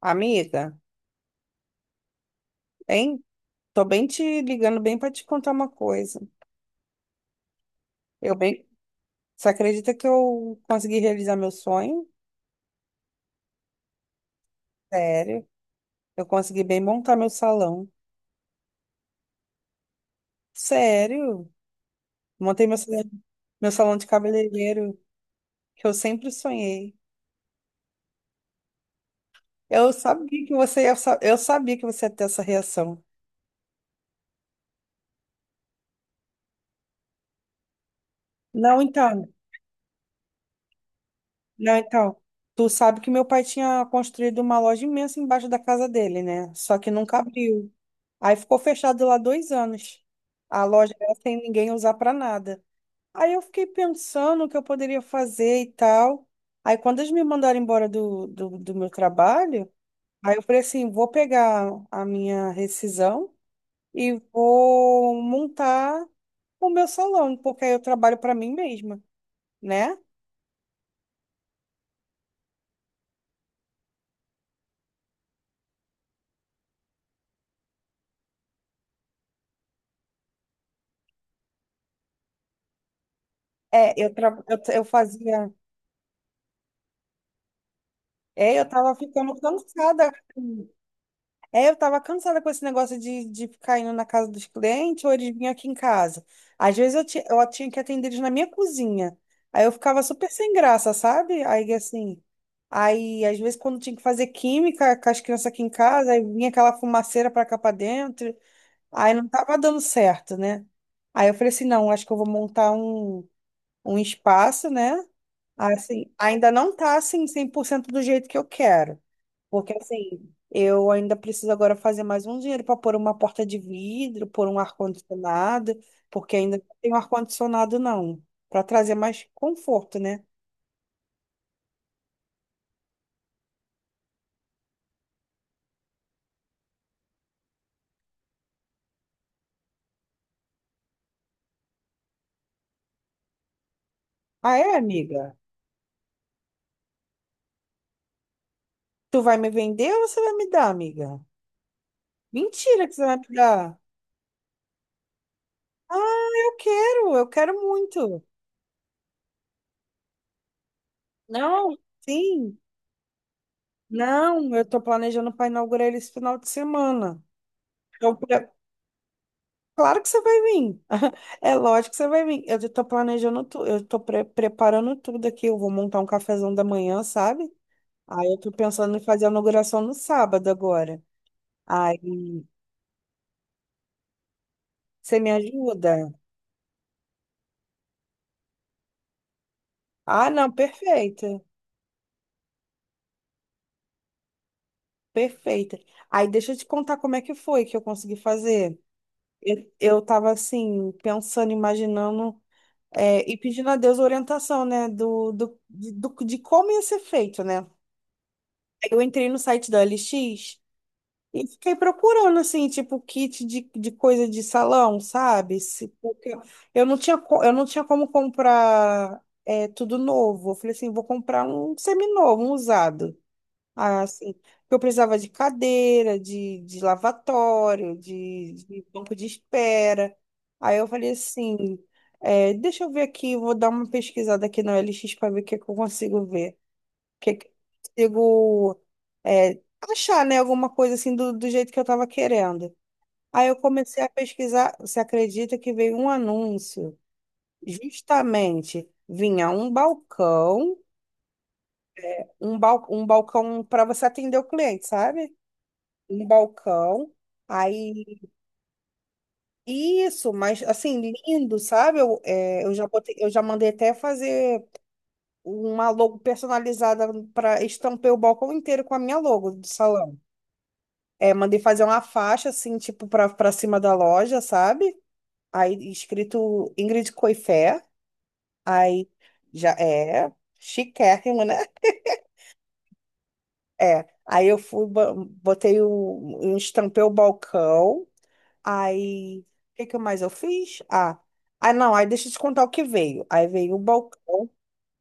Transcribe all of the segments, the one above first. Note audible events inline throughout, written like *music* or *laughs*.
Amiga, hein? Tô bem te ligando bem para te contar uma coisa. Eu bem, você acredita que eu consegui realizar meu sonho? Sério? Eu consegui bem montar meu salão. Sério? Montei meu salão de cabeleireiro que eu sempre sonhei. Eu sabia que você, eu sabia que você ia ter essa reação. Não, então, não, então. Tu sabe que meu pai tinha construído uma loja imensa embaixo da casa dele, né? Só que nunca abriu. Aí ficou fechado lá 2 anos. A loja era sem ninguém usar para nada. Aí eu fiquei pensando o que eu poderia fazer e tal. Aí quando eles me mandaram embora do meu trabalho, aí eu falei assim, vou pegar a minha rescisão e vou montar o meu salão, porque aí eu trabalho para mim mesma, né? É, eu, eu fazia... É, eu tava ficando cansada. É, eu tava cansada com esse negócio de ficar indo na casa dos clientes ou eles vinham aqui em casa. Às vezes eu, eu tinha que atender eles na minha cozinha. Aí eu ficava super sem graça, sabe? Aí assim. Aí, às vezes, quando tinha que fazer química com as crianças aqui em casa, aí vinha aquela fumaceira pra cá pra dentro. Aí não tava dando certo, né? Aí eu falei assim: não, acho que eu vou montar um, um espaço, né? Assim, ainda não tá assim 100% do jeito que eu quero. Porque assim, eu ainda preciso agora fazer mais um dinheiro para pôr uma porta de vidro, pôr um ar-condicionado, porque ainda não tenho ar-condicionado, não. Para trazer mais conforto, né? Ah, é, amiga? Tu vai me vender ou você vai me dar, amiga? Mentira que você vai me dar. Ah, eu quero muito. Não, sim. Não, eu tô planejando para inaugurar ele esse final de semana. Então, claro que você vai vir. *laughs* É lógico que você vai vir. Eu tô planejando tudo, eu tô preparando tudo aqui. Eu vou montar um cafezão da manhã, sabe? Aí eu tô pensando em fazer a inauguração no sábado agora. Aí você me ajuda? Ah, não, perfeita, perfeita. Aí deixa eu te contar como é que foi que eu consegui fazer. Eu tava assim, pensando, imaginando, é, e pedindo a Deus orientação, né? De como ia ser feito, né? Eu entrei no site da OLX. E fiquei procurando, assim, tipo, kit de coisa de salão, sabe? Se- porque eu não tinha, eu não tinha como comprar é, tudo novo. Eu falei assim, vou comprar um seminovo, um usado. Ah, assim, porque eu precisava de cadeira, de lavatório, de banco de espera. Aí eu falei assim, é, deixa eu ver aqui, vou dar uma pesquisada aqui no LX para ver o que é que eu consigo ver que eu consigo é, achar, né, alguma coisa assim do jeito que eu estava querendo. Aí eu comecei a pesquisar, você acredita que veio um anúncio? Justamente, vinha um balcão, um balcão para você atender o cliente, sabe? Um balcão. Aí, isso, mas assim, lindo, sabe? Eu, é, eu já botei, eu já mandei até fazer uma logo personalizada para estampar o balcão inteiro com a minha logo do salão. É, mandei fazer uma faixa, assim, tipo, pra cima da loja, sabe? Aí, escrito Ingrid Coifé. Aí, já é chiquérrimo, né? É. Aí eu fui, botei o, estampei o balcão. Aí, o que que mais eu fiz? Ah, ah, não, aí deixa eu te contar o que veio. Aí veio o balcão,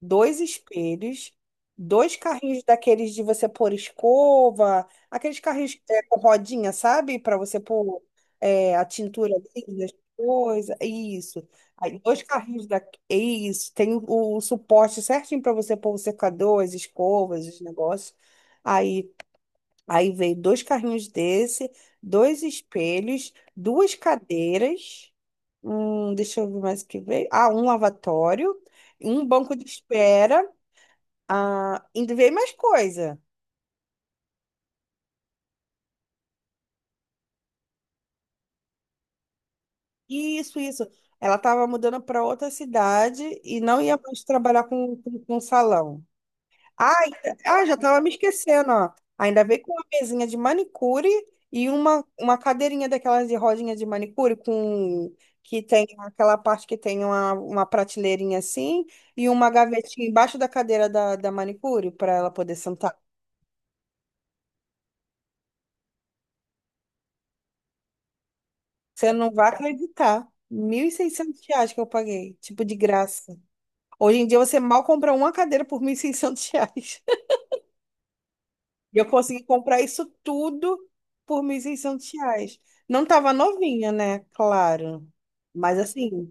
dois espelhos, dois carrinhos daqueles de você pôr escova, aqueles carrinhos é, com rodinha, sabe? Para você pôr é, a tintura ali, das coisas, isso. Aí, dois carrinhos da... Isso, tem o suporte certinho para você pôr o secador, as escovas, os negócios. Aí, aí veio dois carrinhos desse, dois espelhos, duas cadeiras. Deixa eu ver mais o que veio. Ah, um lavatório, um banco de espera, ah, ainda veio mais coisa. Isso, isso. Ela estava mudando para outra cidade e não ia mais trabalhar com salão. Ah, ainda- ah, já estava me esquecendo, ó. Ainda veio com uma mesinha de manicure e uma cadeirinha daquelas de rodinha de manicure com que tem aquela parte que tem uma prateleirinha assim e uma gavetinha embaixo da cadeira da manicure para ela poder sentar. Você não vai acreditar. R$ 1.600 que eu paguei, tipo de graça. Hoje em dia você mal compra uma cadeira por R$ 1.600. *laughs* E eu consegui comprar isso tudo por R$ 1.600. Não tava novinha, né? Claro. Mas assim,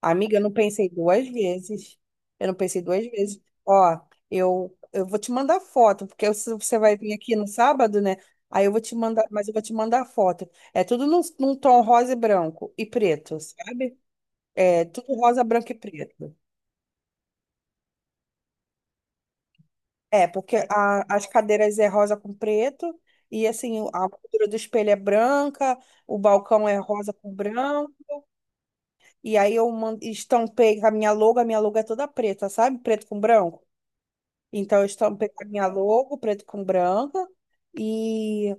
amiga, eu não pensei duas vezes. Eu não pensei duas vezes. Ó, eu, vou te mandar foto, porque se você vai vir aqui no sábado, né? Aí eu vou te mandar, mas eu vou te mandar foto. É tudo num tom rosa e branco e preto, sabe? É tudo rosa, branco e preto. É, porque a- as cadeiras é rosa com preto, e assim, a moldura do espelho é branca, o balcão é rosa com branco, e aí eu estampei com a minha logo é toda preta, sabe? Preto com branco. Então, eu estampei a minha logo, preto com branca. E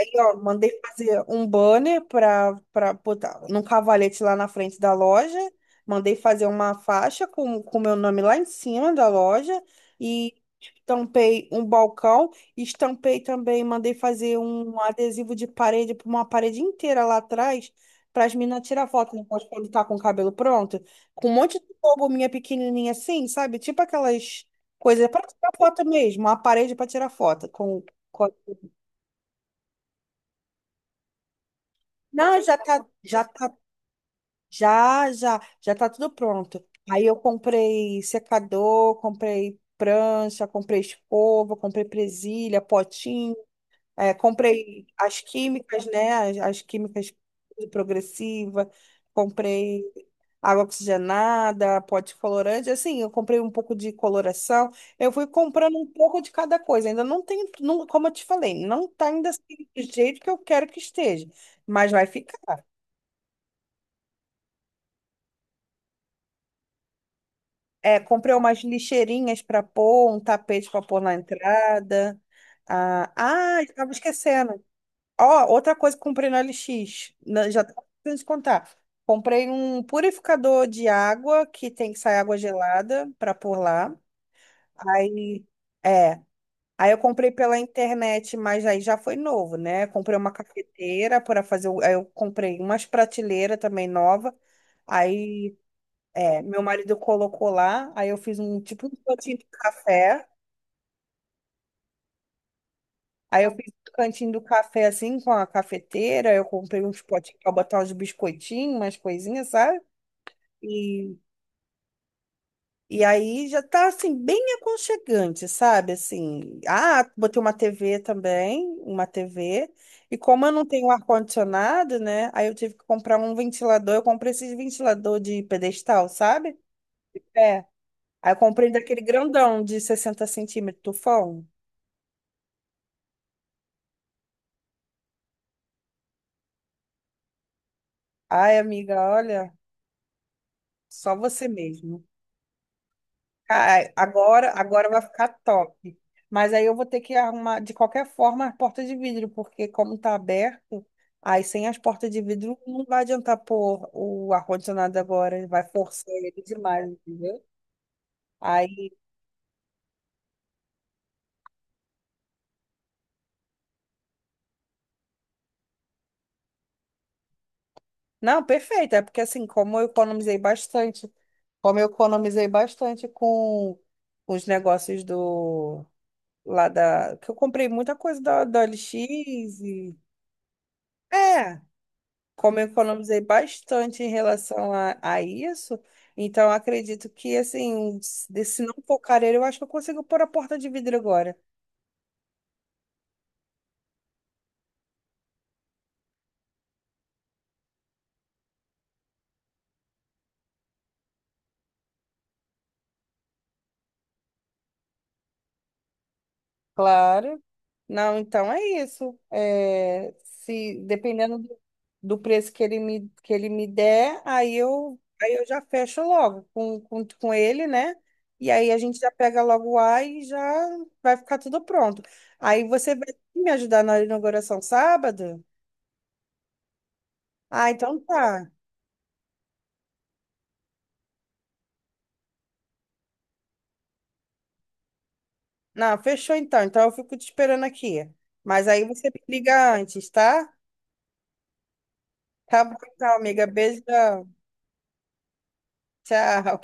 aí, ó, mandei fazer um banner para botar num cavalete lá na frente da loja. Mandei fazer uma faixa com o meu nome lá em cima da loja. E estampei um balcão. Estampei também, mandei fazer um adesivo de parede para uma parede inteira lá atrás. Para as meninas tirar foto depois quando tá com o cabelo pronto. Com um monte de logo minha pequenininha assim, sabe? Tipo aquelas coisa para tirar foto mesmo, uma parede para tirar foto com, com- não, já tá, já tá tudo pronto. Aí eu comprei secador, comprei prancha, comprei escova, comprei presilha, potinho. É, comprei as químicas, né? As químicas progressiva, comprei água oxigenada, pote colorante, assim, eu comprei um pouco de coloração. Eu fui comprando um pouco de cada coisa. Ainda não tem, não, como eu te falei, não tá ainda assim do jeito que eu quero que esteja, mas vai ficar. É, comprei umas lixeirinhas para pôr, um tapete para pôr na entrada. Estava esquecendo. Ó, outra coisa que comprei no LX, já tava pensando te contar. Comprei um purificador de água que tem que sair água gelada para pôr lá. Aí, é. Aí eu comprei pela internet, mas aí já foi novo, né? Comprei uma cafeteira para fazer. Aí eu comprei umas prateleiras também nova. Aí, é, meu marido colocou lá. Aí eu fiz um tipo um potinho de café. Aí eu fiz o cantinho do café assim, com a cafeteira. Eu comprei uns potinhos pra botar uns biscoitinhos, umas coisinhas, sabe? E, e aí já tá assim, bem aconchegante, sabe? Assim, ah, botei uma TV também, uma TV. E como eu não tenho ar-condicionado, né? Aí eu tive que comprar um ventilador. Eu comprei esses ventilador de pedestal, sabe? É. Aí eu comprei daquele grandão de 60 cm, tufão. Ai, amiga, olha, só você mesmo. Ai, agora vai ficar top. Mas aí eu vou ter que arrumar, de qualquer forma, as portas de vidro, porque como tá aberto, aí sem as portas de vidro não vai adiantar pôr o ar-condicionado agora, ele vai forçar ele demais, entendeu? Aí, não, perfeito, é porque assim, como eu economizei bastante, como eu economizei bastante com os negócios do, lá da, que eu comprei muita coisa da, da OLX e, é, como eu economizei bastante em relação a isso, então acredito que, assim, se não for careiro, eu acho que eu consigo pôr a porta de vidro agora. Claro. Não, então é isso. É, se dependendo do, do preço que ele que ele me der, aí eu já fecho logo com ele, né? E aí a gente já pega logo o ar e já vai ficar tudo pronto. Aí você vai me ajudar na inauguração sábado? Ah, então tá. Não, fechou então. Então eu fico te esperando aqui. Mas aí você me liga antes, tá? Tá bom então, amiga. Beijão. Tchau.